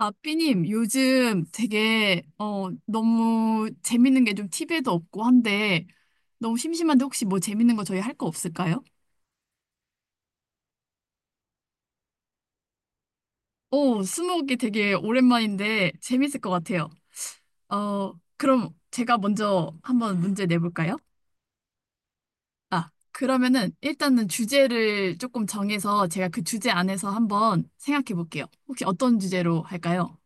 아, 삐님, 요즘 되게, 너무 재밌는 게 좀 티비에도 없고 한데, 너무 심심한데 혹시 뭐 재밌는 거 저희 할 거 없을까요? 오, 스무고개 되게 오랜만인데 재밌을 것 같아요. 그럼 제가 먼저 한번 문제 내볼까요? 아, 그러면은 일단은 주제를 조금 정해서 제가 그 주제 안에서 한번 생각해 볼게요. 혹시 어떤 주제로 할까요?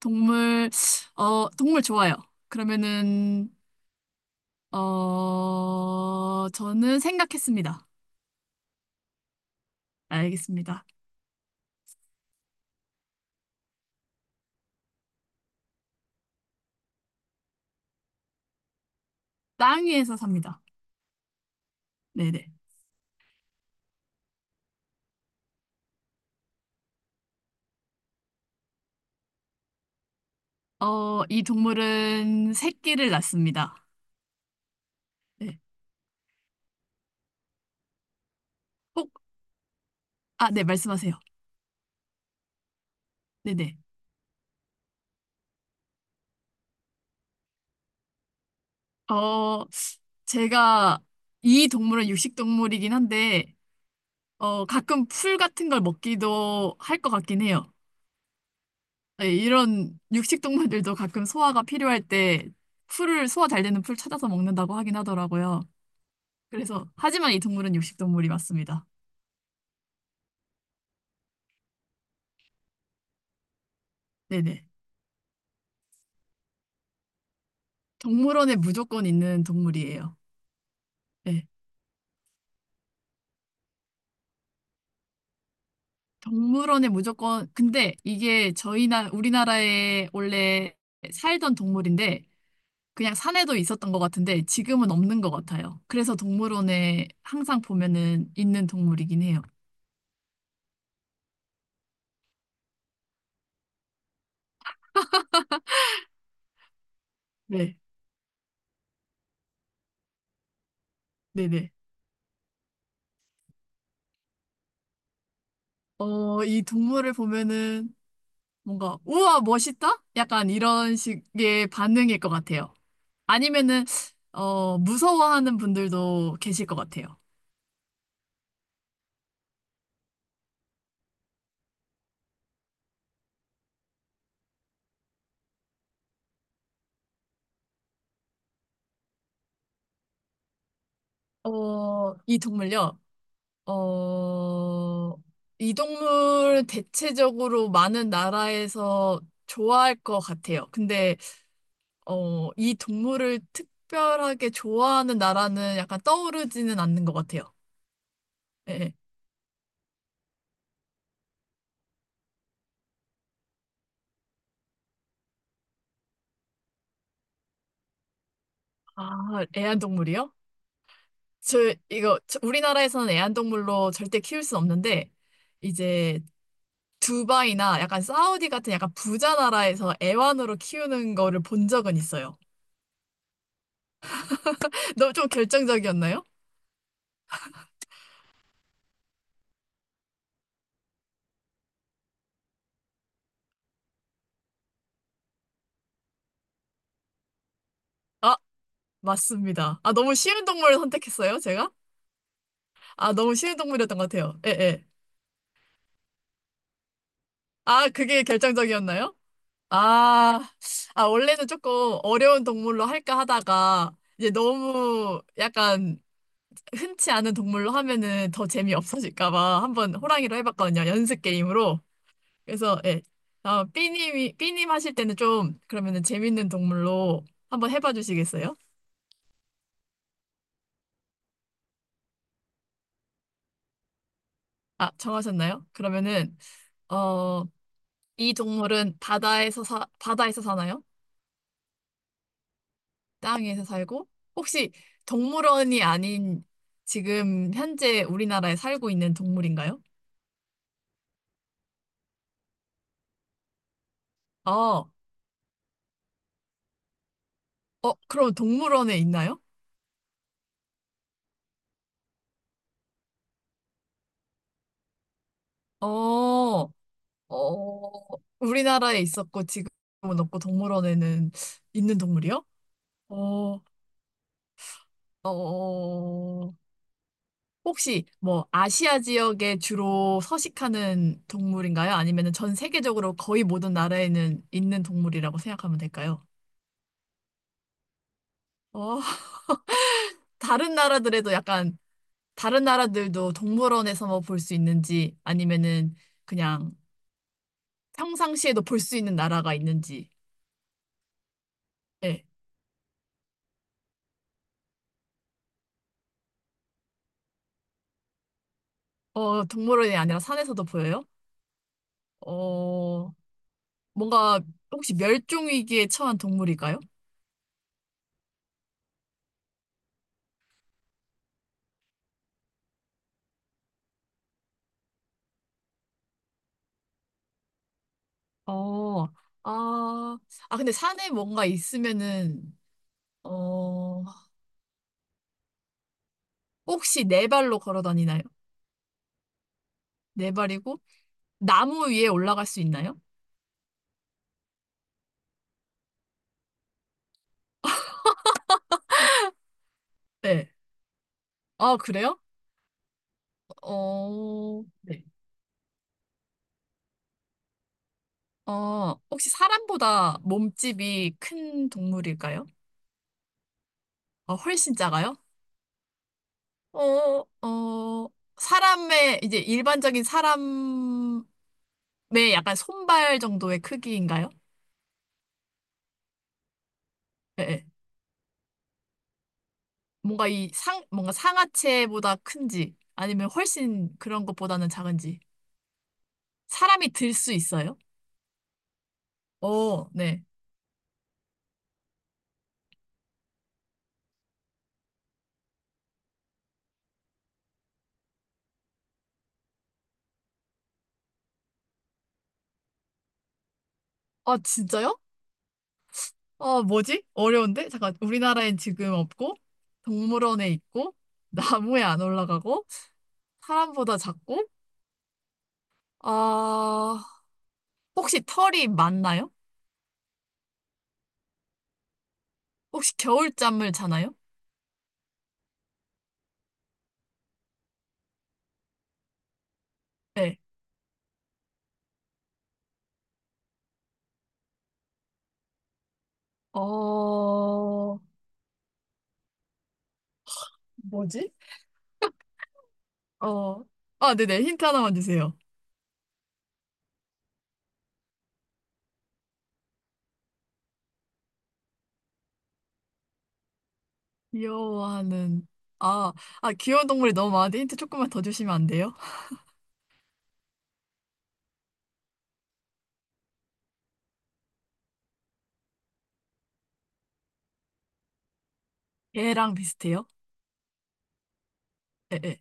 동물, 동물 좋아요. 그러면은 저는 생각했습니다. 알겠습니다. 땅 위에서 삽니다. 네네. 어, 이 동물은 새끼를 낳습니다. 네. 혹, 아, 네, 말씀하세요. 네네. 어, 제가 이 동물은 육식 동물이긴 한데, 가끔 풀 같은 걸 먹기도 할 것 같긴 해요. 네, 이런 육식 동물들도 가끔 소화가 필요할 때 풀을, 소화 잘 되는 풀 찾아서 먹는다고 하긴 하더라고요. 그래서, 하지만 이 동물은 육식 동물이 맞습니다. 네네. 동물원에 무조건 있는 동물이에요. 네. 동물원에 무조건, 근데 이게 우리나라에 원래 살던 동물인데, 그냥 산에도 있었던 것 같은데, 지금은 없는 것 같아요. 그래서 동물원에 항상 보면은 있는 동물이긴 해요. 네. 네네. 어, 이 동물을 보면은 뭔가, 우와, 멋있다? 약간 이런 식의 반응일 것 같아요. 아니면은, 무서워하는 분들도 계실 것 같아요. 어, 이 동물요? 어, 이 동물 대체적으로 많은 나라에서 좋아할 것 같아요. 근데, 이 동물을 특별하게 좋아하는 나라는 약간 떠오르지는 않는 것 같아요. 예. 아, 애완동물이요? 저, 우리나라에서는 애완동물로 절대 키울 순 없는데, 이제, 두바이나 약간 사우디 같은 약간 부자 나라에서 애완으로 키우는 거를 본 적은 있어요. 너무 좀 결정적이었나요? 아, 맞습니다. 아, 너무 쉬운 동물을 선택했어요, 제가? 아, 너무 쉬운 동물이었던 것 같아요. 예, 예. 아, 그게 결정적이었나요? 아, 아, 원래는 조금 어려운 동물로 할까 하다가, 이제 너무 약간 흔치 않은 동물로 하면은 더 재미없어질까 봐 한번 호랑이로 해봤거든요. 연습 게임으로. 그래서, 예. 아, 삐님이, 삐님 하실 때는 좀, 그러면은 재밌는 동물로 한번 해봐 주시겠어요? 아, 정하셨나요? 그러면은, 어, 이 동물은 바다에서 사나요? 땅 위에서 살고? 혹시 동물원이 아닌 지금 현재 우리나라에 살고 있는 동물인가요? 어, 어, 그럼 동물원에 있나요? 어, 어, 우리나라에 있었고 지금은 없고 동물원에는 있는 동물이요? 어, 어, 어. 혹시 뭐 아시아 지역에 주로 서식하는 동물인가요? 아니면 전 세계적으로 거의 모든 나라에는 있는 동물이라고 생각하면 될까요? 어, 다른 나라들에도 약간, 다른 나라들도 동물원에서 뭐 볼 수 있는지, 아니면은 그냥 평상시에도 볼 수 있는 나라가 있는지. 예. 어, 동물원이 아니라 산에서도 보여요? 어, 뭔가 혹시 멸종위기에 처한 동물일까요? 어, 아, 아, 근데 산에 뭔가 있으면은, 어, 혹시 네 발로 걸어 다니나요? 네 발이고, 나무 위에 올라갈 수 있나요? 네. 아, 그래요? 어, 네. 혹시 사람보다 몸집이 큰 동물일까요? 어, 훨씬 작아요? 어, 어, 이제 일반적인 사람의 약간 손발 정도의 크기인가요? 예, 예. 뭔가 뭔가 상하체보다 큰지, 아니면 훨씬 그런 것보다는 작은지. 사람이 들 수 있어요? 어, 네. 아, 진짜요? 아, 뭐지? 어려운데? 잠깐, 우리나라엔 지금 없고, 동물원에 있고, 나무에 안 올라가고, 사람보다 작고, 아, 혹시 털이 많나요? 혹시 겨울잠을 자나요? 네. 어, 뭐지? 어, 아, 네네. 힌트 하나만 주세요. 귀여워하는, 아, 아, 귀여운 동물이 너무 많은데 힌트 조금만 더 주시면 안 돼요? 개랑 비슷해요? 예, 예.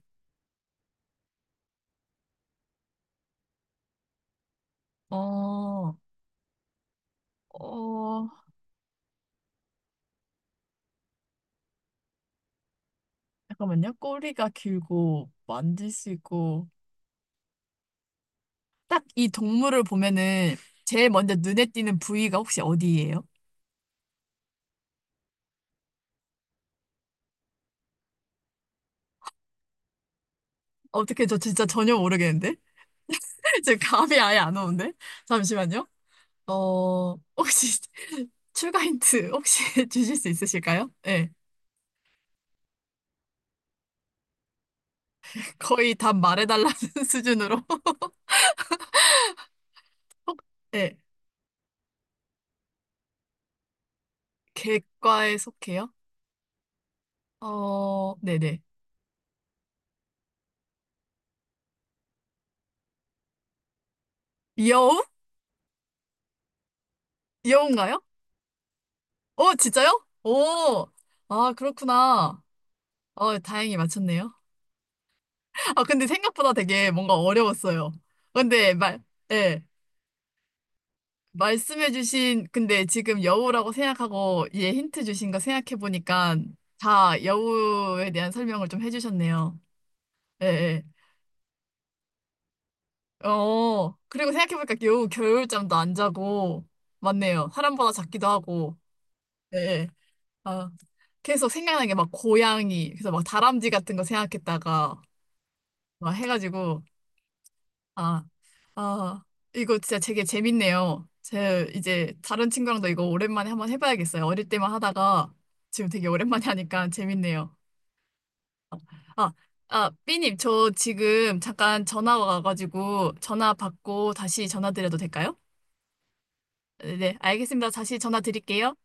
어, 어, 잠깐만요. 꼬리가 길고, 만질 수 있고. 딱 이 동물을 보면은 제일 먼저 눈에 띄는 부위가 혹시 어디예요? 어떻게 저 진짜 전혀 모르겠는데? 지금 감이 아예 안 오는데? 잠시만요. 어, 혹시 출가 힌트 혹시 주실 수 있으실까요? 네. 거의 답 말해달라는 수준으로. 네. 객과에 속해요? 어, 네네. 여우? 여우인가요? 어, 진짜요? 오, 아, 그렇구나. 어, 다행히 맞췄네요. 아, 근데 생각보다 되게 뭔가 어려웠어요. 근데 말, 예. 말씀해주신, 근데 지금 여우라고 생각하고 얘 힌트 주신 거 생각해보니까 다 여우에 대한 설명을 좀 해주셨네요. 예, 예. 어, 그리고 생각해보니까 여우 겨울잠도 안 자고, 맞네요. 사람보다 작기도 하고, 예, 예. 아, 계속 생각나는 게 막 고양이, 그래서 막 다람쥐 같은 거 생각했다가 막 해가지고, 아, 아, 이거 진짜 되게 재밌네요. 제 이제 다른 친구랑도 이거 오랜만에 한번 해봐야겠어요. 어릴 때만 하다가 지금 되게 오랜만에 하니까 재밌네요. 아, 아, 삐님, 저 지금 잠깐 전화 와가지고 전화 받고 다시 전화 드려도 될까요? 네, 네, 알겠습니다. 다시 전화 드릴게요.